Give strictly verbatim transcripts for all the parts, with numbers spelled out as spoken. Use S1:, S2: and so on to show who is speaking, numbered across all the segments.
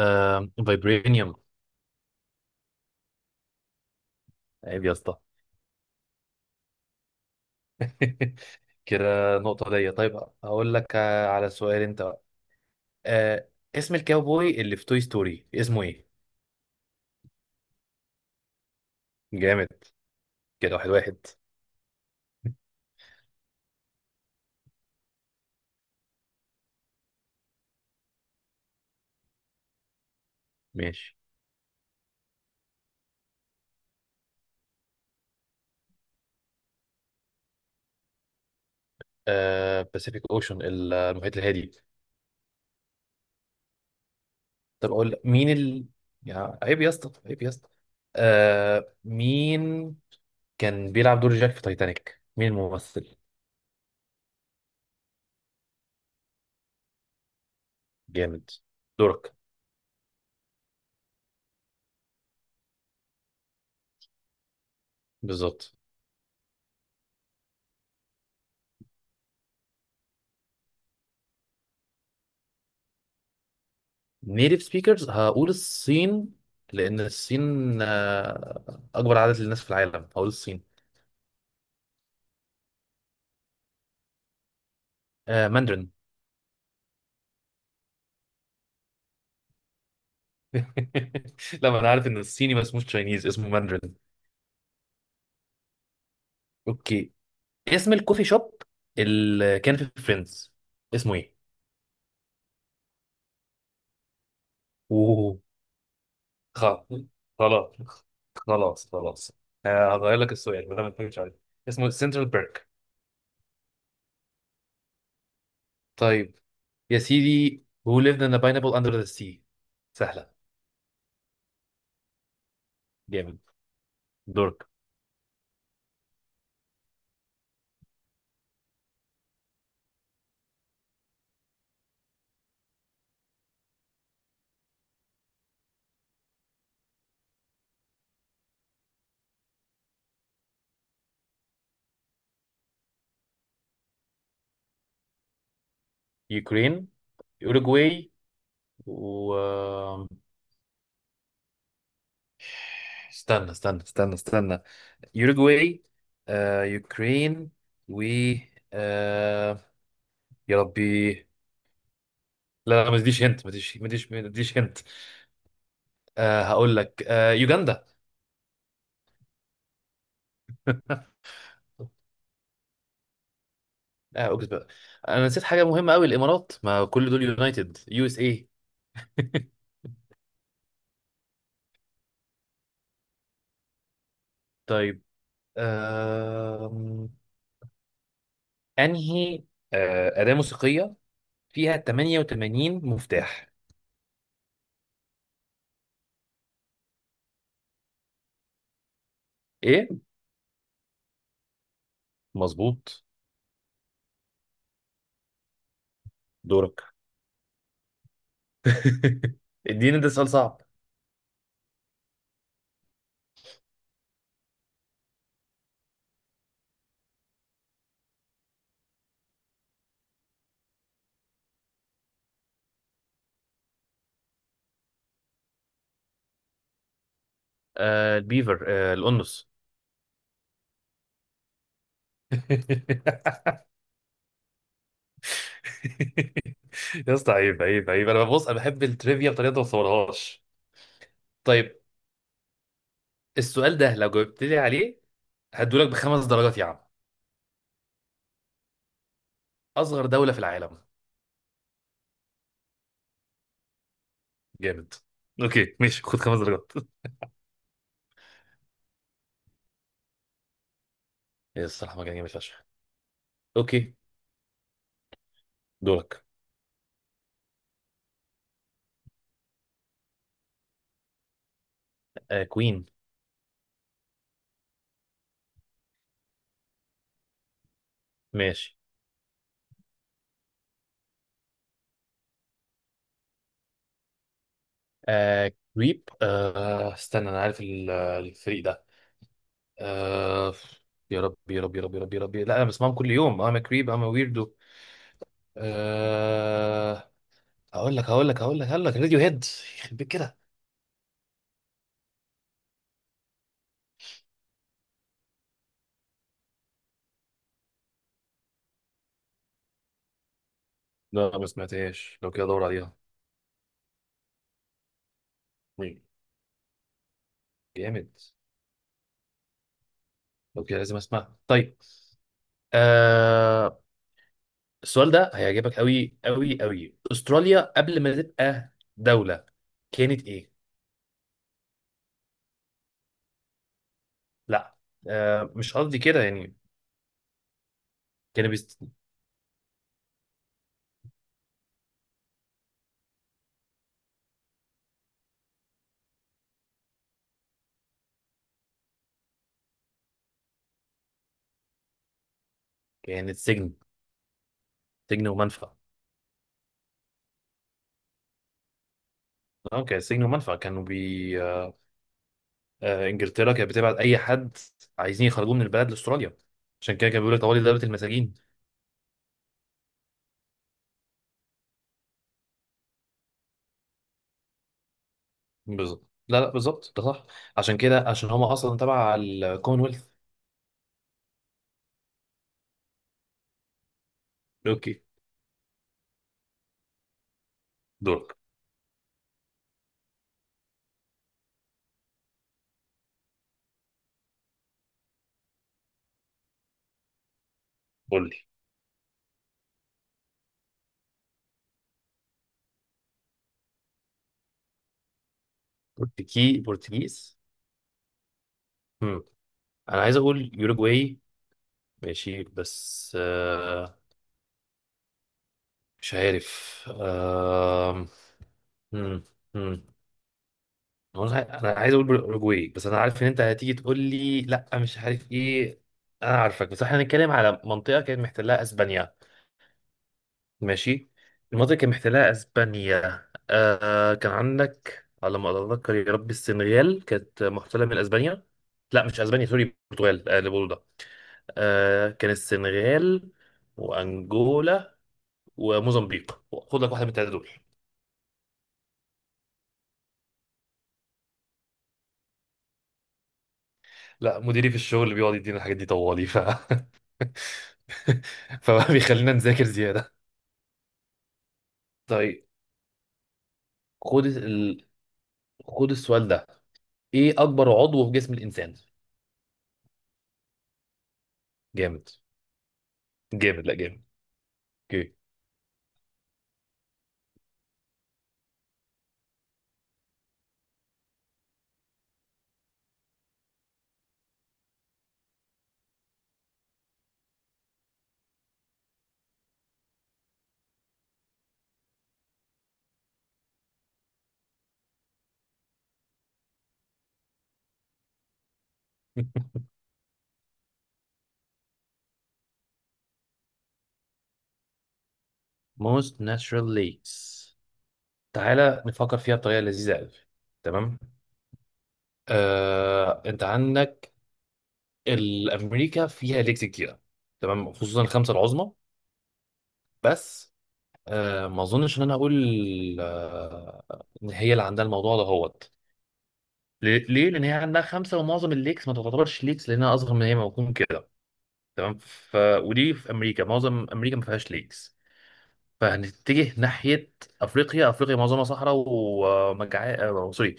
S1: آه، فايبرينيوم. عيب يا اسطى. كده نقطة ليا، طيب. هقول لك، آه، على سؤال انت بقى. آه اسم الكاوبوي اللي في توي ستوري اسمه ايه؟ جامد. كده واحد واحد. ماشي. آه، باسيفيك اوشن، المحيط الهادي. طب اقول لك مين ال يا عيب يا اسطى، عيب يا اسطى. آه مين كان بيلعب دور جاك في تايتانيك؟ مين الممثل؟ جامد. دورك. بالظبط. نيتيف سبيكرز، هقول الصين. لان الصين آه، اكبر عدد للناس في العالم، هقول الصين. آه، ماندرين. لا، ما انا عارف ان الصيني ما اسموش تشاينيز، اسمه ماندرين. اوكي. اسم الكوفي شوب اللي كان في فريندز اسمه ايه؟ اوه. خلاص، خلاص، خلاص، خلاص. آه، هغير لك السؤال ما دام ما تفكرش عليه. اسمه سنترال بيرك. طيب. يا سيدي. who lived in a pineapple under the sea. سهلة. جامد. دورك. يوكرين، اوروجواي، و، استنى، استنى، استنى، استنى، يوروجواي، آه، يوكرين، و، آه، يا ربي. لا، لا، ما تديش هنت، ما تديش، ما تديش، ما تديش هنت. آه، هقول لك، آه، يوجندا. اه، اوكي بقى. انا نسيت حاجه مهمه قوي، الامارات، ما كل دول يونايتد يو اس اي. طيب. آم، انهي آه، اداه موسيقيه فيها ثمانية وثمانين مفتاح؟ ايه، مظبوط. دورك. اديني ده سؤال صعب. آه، البيفر، آه الأنس. يا اسطى عيب، عيب، عيب. انا ببص انا بحب التريفيا بطريقه ما بصورهاش. طيب. السؤال ده، لو جاوبت لي عليه هدولك بخمس درجات يا عم. أصغر دولة في العالم. جامد. اوكي ماشي، خد خمس درجات. يا، الصراحة مجال جامد فشخ. اوكي. دورك. آه، كوين. ماشي. آه، كريب، آه استنى، انا عارف ال- الفريق ده. آه يا رب، يا رب، يا رب، يا رب، يا رب، لا، انا بسمعهم كل يوم، انا كريب، انا ويردو. آه هقول لك هقول لك هقول لك هقول لك راديو هيد. يخرب بيت كده. لا، ما سمعتهاش، لو كده ادور عليها. مم. جامد. لو كده لازم اسمعها. طيب. آه السؤال ده هيعجبك قوي، قوي، قوي. استراليا قبل ما تبقى دولة كانت ايه؟ لا. آه مش قصدي كده يعني. كانت بيست... كانت سجن، سجن ومنفى. اه، كانت سجن ومنفى. كانوا بي آه، انجلترا كانت بتبعت اي حد عايزين يخرجوه من البلد لاستراليا. عشان كده كان بيقول لك طوالي، دولة المساجين. بالظبط. لا، لا، بالظبط ده صح. عشان كده، عشان هم اصلا تبع الكومنولث. اوكي. دورك. قول لي برتكي برتغيز. مم. انا عايز اقول يوروجواي، ماشي، بس آه مش عارف آه... مم. مم. هو انا عاي- أنا عايز اقول بالاوروجواي، بس انا عارف ان انت هتيجي تقول لي لا، مش عارف ايه. انا عارفك، بس احنا هنتكلم على منطقه كانت محتلها اسبانيا. ماشي. المنطقه كانت محتلها اسبانيا، آه كان عندك على ما اتذكر يا ربي، السنغال كانت محتله من اسبانيا. لا مش اسبانيا، سوري، البرتغال آه اللي بقوله ده. آه كان السنغال وانجولا وموزمبيق. خد لك واحده من الثلاثه دول. لا، مديري في الشغل بيقعد يدينا الحاجات دي طوالي، ف فبقى بيخلينا نذاكر زيادة. طيب. خد ال... خد السؤال ده. ايه اكبر عضو في جسم الانسان؟ جامد. جامد، لا، جامد. اوكي. most natural lakes. تعالى نفكر فيها بطريقه لذيذه قوي. تمام. آه، انت عندك الامريكا فيها ليكس كتير. تمام، خصوصا الخمسه العظمى. بس آه، ما اظنش ان انا اقول آه، ان هي اللي عندها الموضوع ده هو. ليه؟ ليه؟ لأن هي عندها خمسة ومعظم الليكس ما تعتبرش ليكس لأنها أصغر من هي ما بتكون كده. تمام. ف... ودي في أمريكا، معظم أمريكا ما فيهاش ليكس. فهنتجه ناحية أفريقيا. أفريقيا معظمها صحراء ومجع آه، سوري،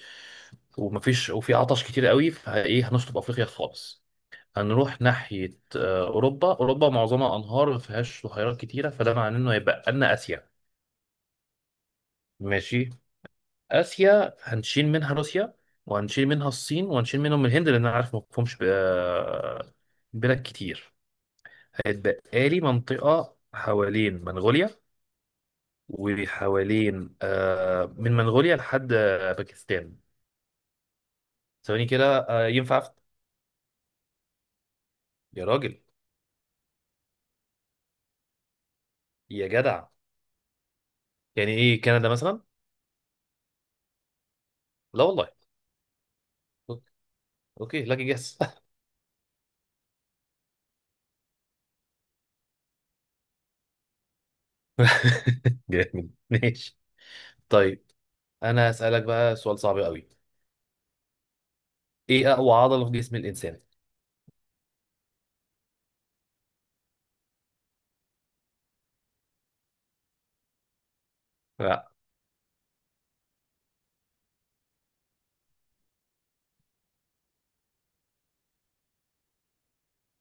S1: ومفيش وفي عطش كتير قوي، فإيه هنشطب أفريقيا خالص. هنروح ناحية آه، أوروبا. أوروبا معظمها أنهار، ما فيهاش بحيرات كتيرة، فده معناه إنه هيبقى لنا آسيا. ماشي. اسيا هنشيل منها روسيا وهنشيل منها الصين وهنشيل منهم الهند، لان انا عارف ما فيهمش ب- بلاد كتير. هيتبقى لي منطقه حوالين منغوليا، وحوالين آه، من منغوليا لحد آه، باكستان. ثواني كده آه، ينفع أفتح؟ يا راجل، يا جدع، يعني ايه كندا مثلا؟ لا والله. اوكي، أوكي، لاكي جاس. جامد. ماشي. طيب. انا هسألك بقى سؤال صعب قوي. ايه اقوى عضلة في جسم الانسان؟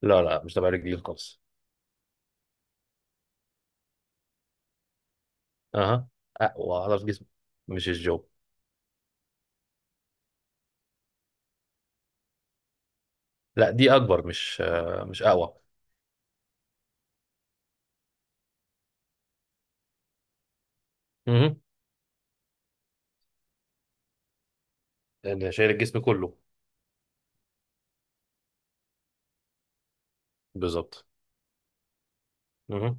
S1: لا، لا، مش تبع رجلين خالص. اها. اقوى عضله في جسمك مش الجو. لا، دي اكبر، مش آه، مش اقوى. اها. اللي شايل الجسم كله. بالظبط. اها.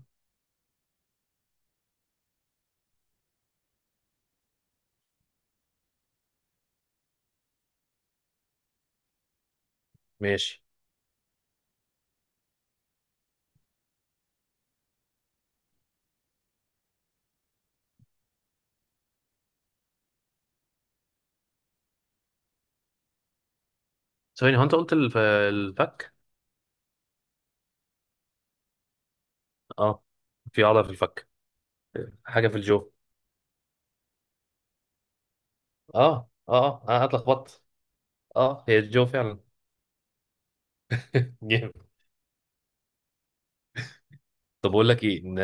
S1: ماشي. ثواني، هو انت قلت الف... الفك. اه، في عضله في الفك، حاجه في الجو. اه، اه، اه، انا اتلخبطت. اه، هي الجو فعلا. جامد. طب اقول لك ايه، ن...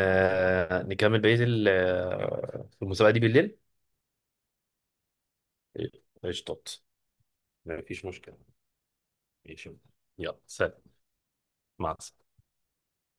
S1: نكمل بقيه ال- آه، المسابقه دي بالليل. قشطات. مفيش مشكله. ماشي. يلا سلام. مع السلامه.